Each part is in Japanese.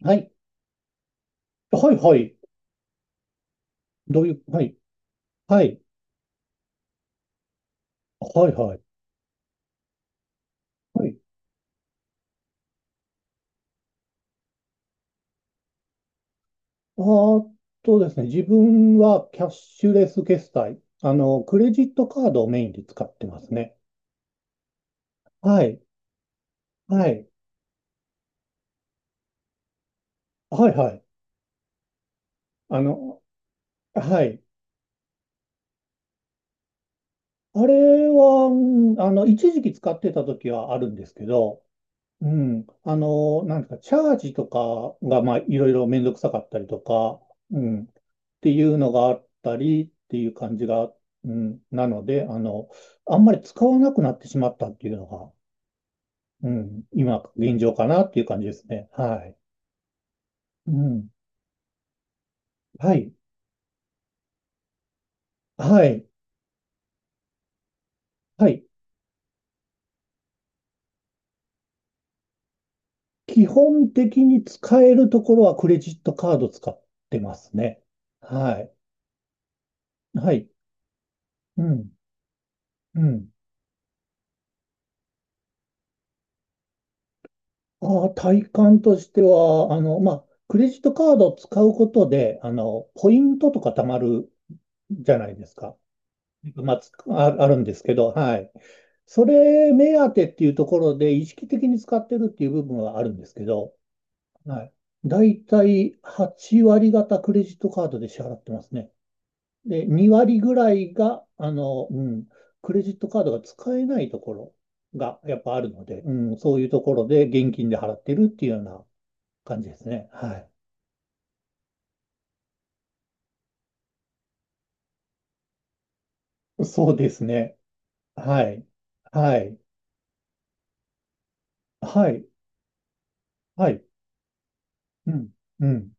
はい。はいはい。どういう、はい。はい。はいはい。はい。あとですね、自分はキャッシュレス決済。クレジットカードをメインで使ってますね。はい。はい。はいはい。あの、はい。あれは、一時期使ってた時はあるんですけど、うん。なんですか、チャージとかが、まあ、いろいろめんどくさかったりとか、うん。っていうのがあったりっていう感じが、うん、なので、あんまり使わなくなってしまったっていうのが、うん、今、現状かなっていう感じですね。はい。うん。はい。はい。はい。基本的に使えるところはクレジットカード使ってますね。はい。はい。うん。うん。ああ、体感としては、まあ、クレジットカードを使うことで、ポイントとか貯まるじゃないですか。まあ、つあるんですけど、はい。それ目当てっていうところで意識的に使ってるっていう部分はあるんですけど、はい。だいたい8割方クレジットカードで支払ってますね。で、2割ぐらいが、クレジットカードが使えないところがやっぱあるので、うん、そういうところで現金で払ってるっていうような感じですね。はい。そうですね。はい。はい。はい。はい。うん。うん。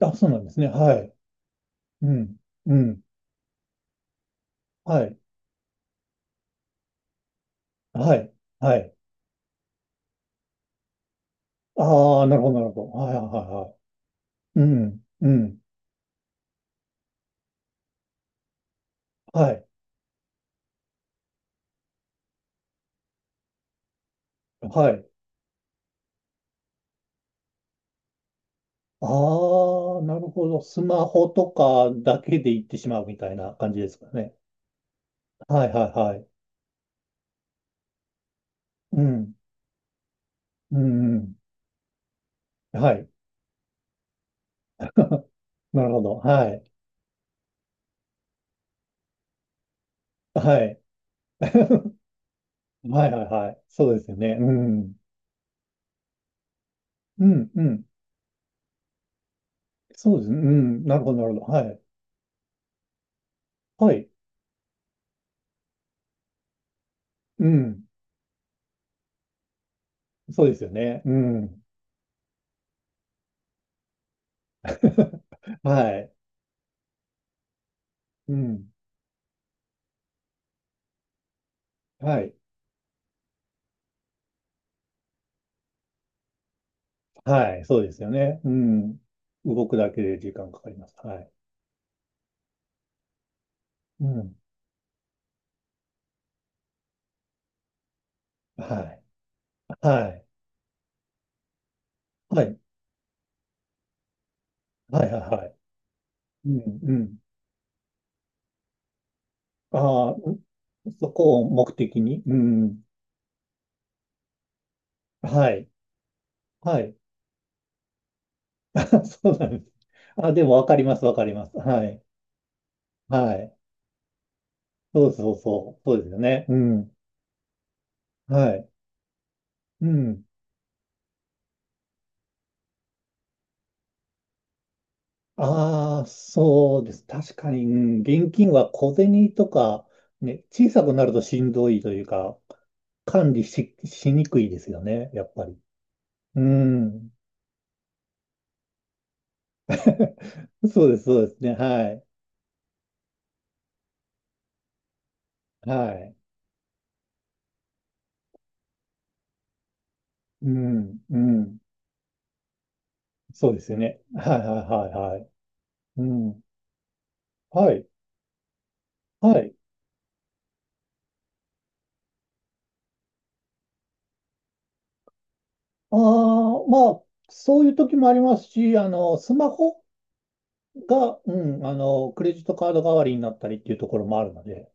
あ、そうなんですね。はい。うん。うん。はい。はい。はい。ああ、なるほど、なるほど。はい、はい、はい。うん。うん。はい。はい。ああ、なるほど。スマホとかだけで行ってしまうみたいな感じですかね。はい、はい、はい。うん。うん、うん。はい。なるほど。はい。はい。はい、はい、はい。そうですよね。うん。うん、うん。そうですね。うん。なるほど、なるほど。はい。はい。うん。そうですよね。うん。はい。うん。はい。はい、そうですよね。うん。動くだけで時間かかります。はい。うん。はい。はい。はい。はい。はいはい。うん。うん。ああ、そこを目的に。うん。はい。はい。そうなんです。あ、でもわかります。わかります。はい。はい。そうそうそう。そうですよね。うん。はい。うん。ああ、そうです。確かに、うん、現金は小銭とか、ね、小さくなるとしんどいというか、管理し、しにくいですよね、やっぱり。うん。そうですね。はい。はい。うん、うん。そうですよね。はい、はい、はい、はい。うん。はい、はい。ああ、まあ、そういう時もありますし、スマホが、クレジットカード代わりになったりっていうところもあるので、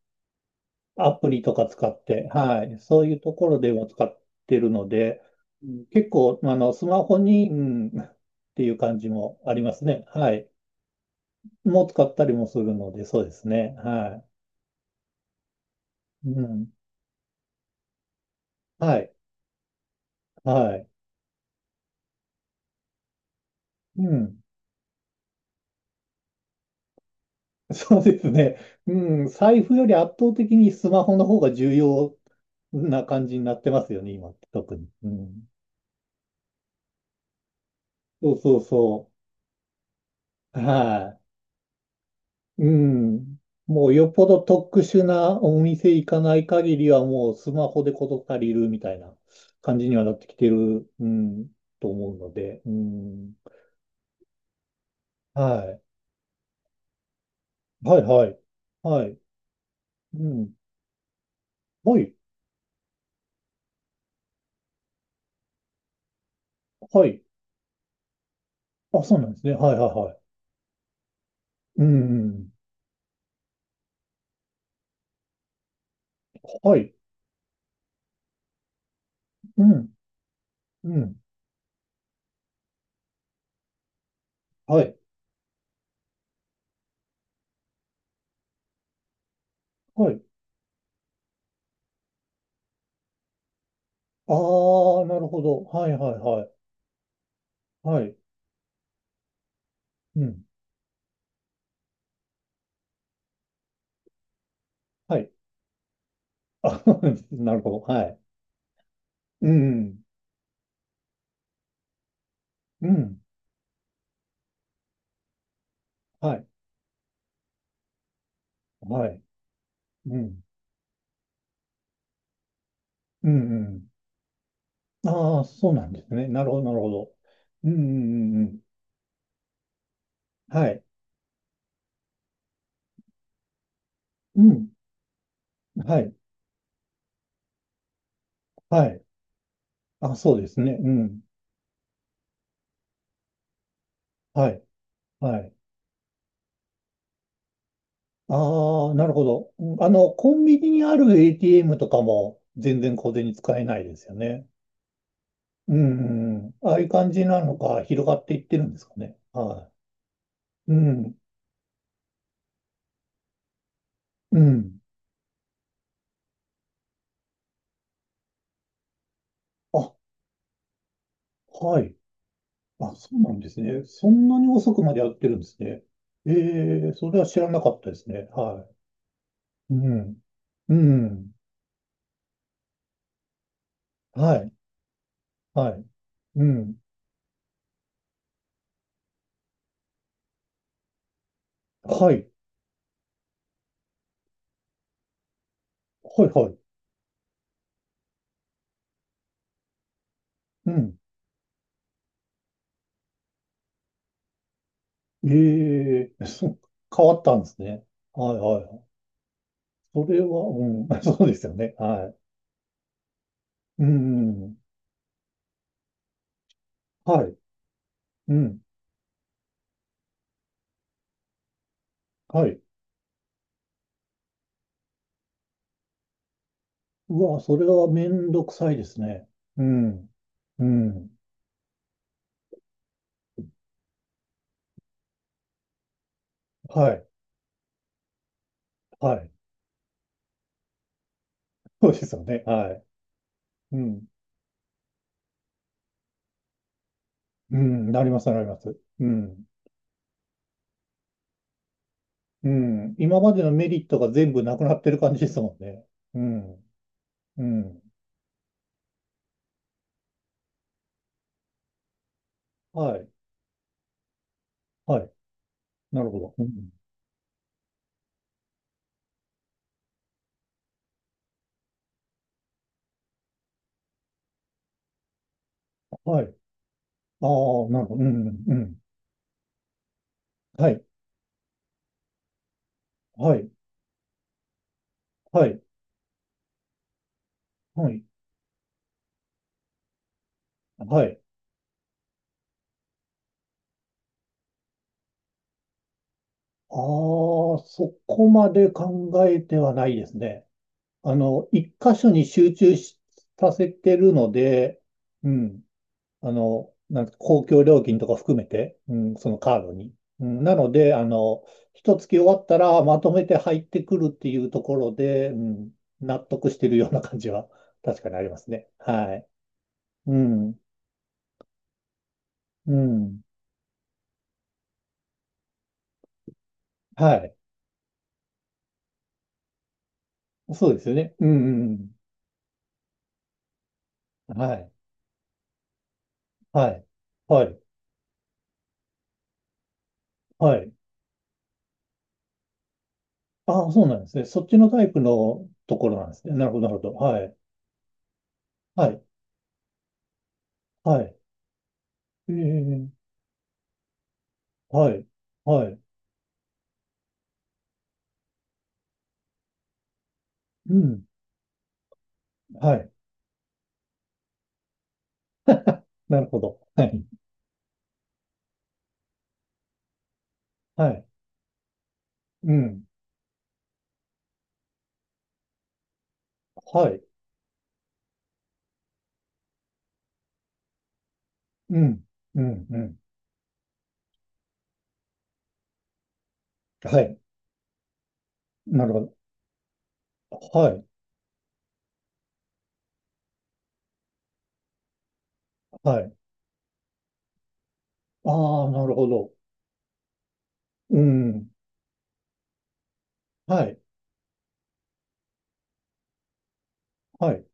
アプリとか使って、はい、そういうところでも使ってるので、うん結構、あの、スマホに、うん、っていう感じもありますね。はい。もう使ったりもするので、そうですね。はい。うん。はい。はい。うん。そうですね。うん。財布より圧倒的にスマホの方が重要な感じになってますよね、今、特に。うん。そうそうそう。はい。うん。もうよっぽど特殊なお店行かない限りはもうスマホで事足りるみたいな感じにはなってきてる、うん、と思うので、うん。はい。はい、はい。はい。うん。はい。はい。あ、そうなんですね。はい、はい、はい。うん。はい。うん。うん。はい。はい。ああ、なるほど。はい、はい、はい。はい。うん。はい。あ、なるほど。はい。うん。うん。はい。はい。うん。うんうん。ああ、そうなんですね。なるほど、なるほど。うん。はい。うん。はい。はい。あ、そうですね。うん。はい。はい。ああ、なるほど。コンビニにある ATM とかも全然小銭使えないですよね。うんううん。ああいう感じなのか、広がっていってるんですかね。はい。うん。うん。あ、はい。あ、そうなんですね。そんなに遅くまでやってるんですね。ええ、それは知らなかったですね。はい。うん。うん。はい。はい。うん。はい。はい、はい。うん。ええ 変わったんですね。はい、はい。それは、うん。そうですよね。はい。うん。はい。うん。はい。うわ、それはめんどくさいですね。うん。うん。はい。はい。そうですよね。はい。うん。うん。なります、なります。うん。うん。今までのメリットが全部なくなってる感じですもんね。うん。うん。はい。はい。なるほど。うん、はい。ああ、なるほど。うん、うん。はい。はい。はい。はい。はい。ああ、そこまで考えてはないですね。一箇所に集中しさせてるので、うん。なんか公共料金とか含めて、うん、そのカードに。うん、なので、一月終わったらまとめて入ってくるっていうところで、うん、納得してるような感じは確かにありますね。はい。うん。うん。はい。そうですよね。うんうん。はい。はい。はい。はい。ああ、そうなんですね。そっちのタイプのところなんですね。なるほど、なるほど。はい。はい。はい。ええ、はい。はい。うん。はい。なるほど。はい。はい。うん。はい。うん。うん。うん。はい。なるほど。はい。はい。ああ、なるほど。うん。はい。はい。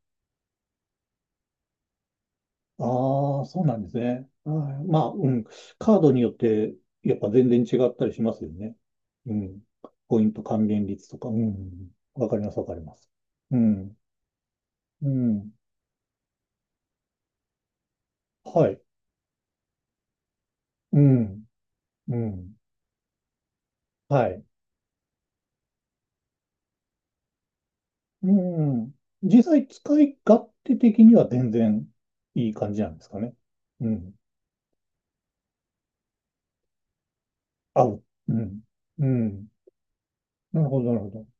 ああ、そうなんですね。あーまあ、うん。カードによって、やっぱ全然違ったりしますよね。うん。ポイント還元率とか。うん。わかります、わかります。うん。うん。はい。うん。うん。はい。うん。実際、使い勝手的には全然いい感じなんですかね。うん。合う。うん。うん。なるほど、なるほど。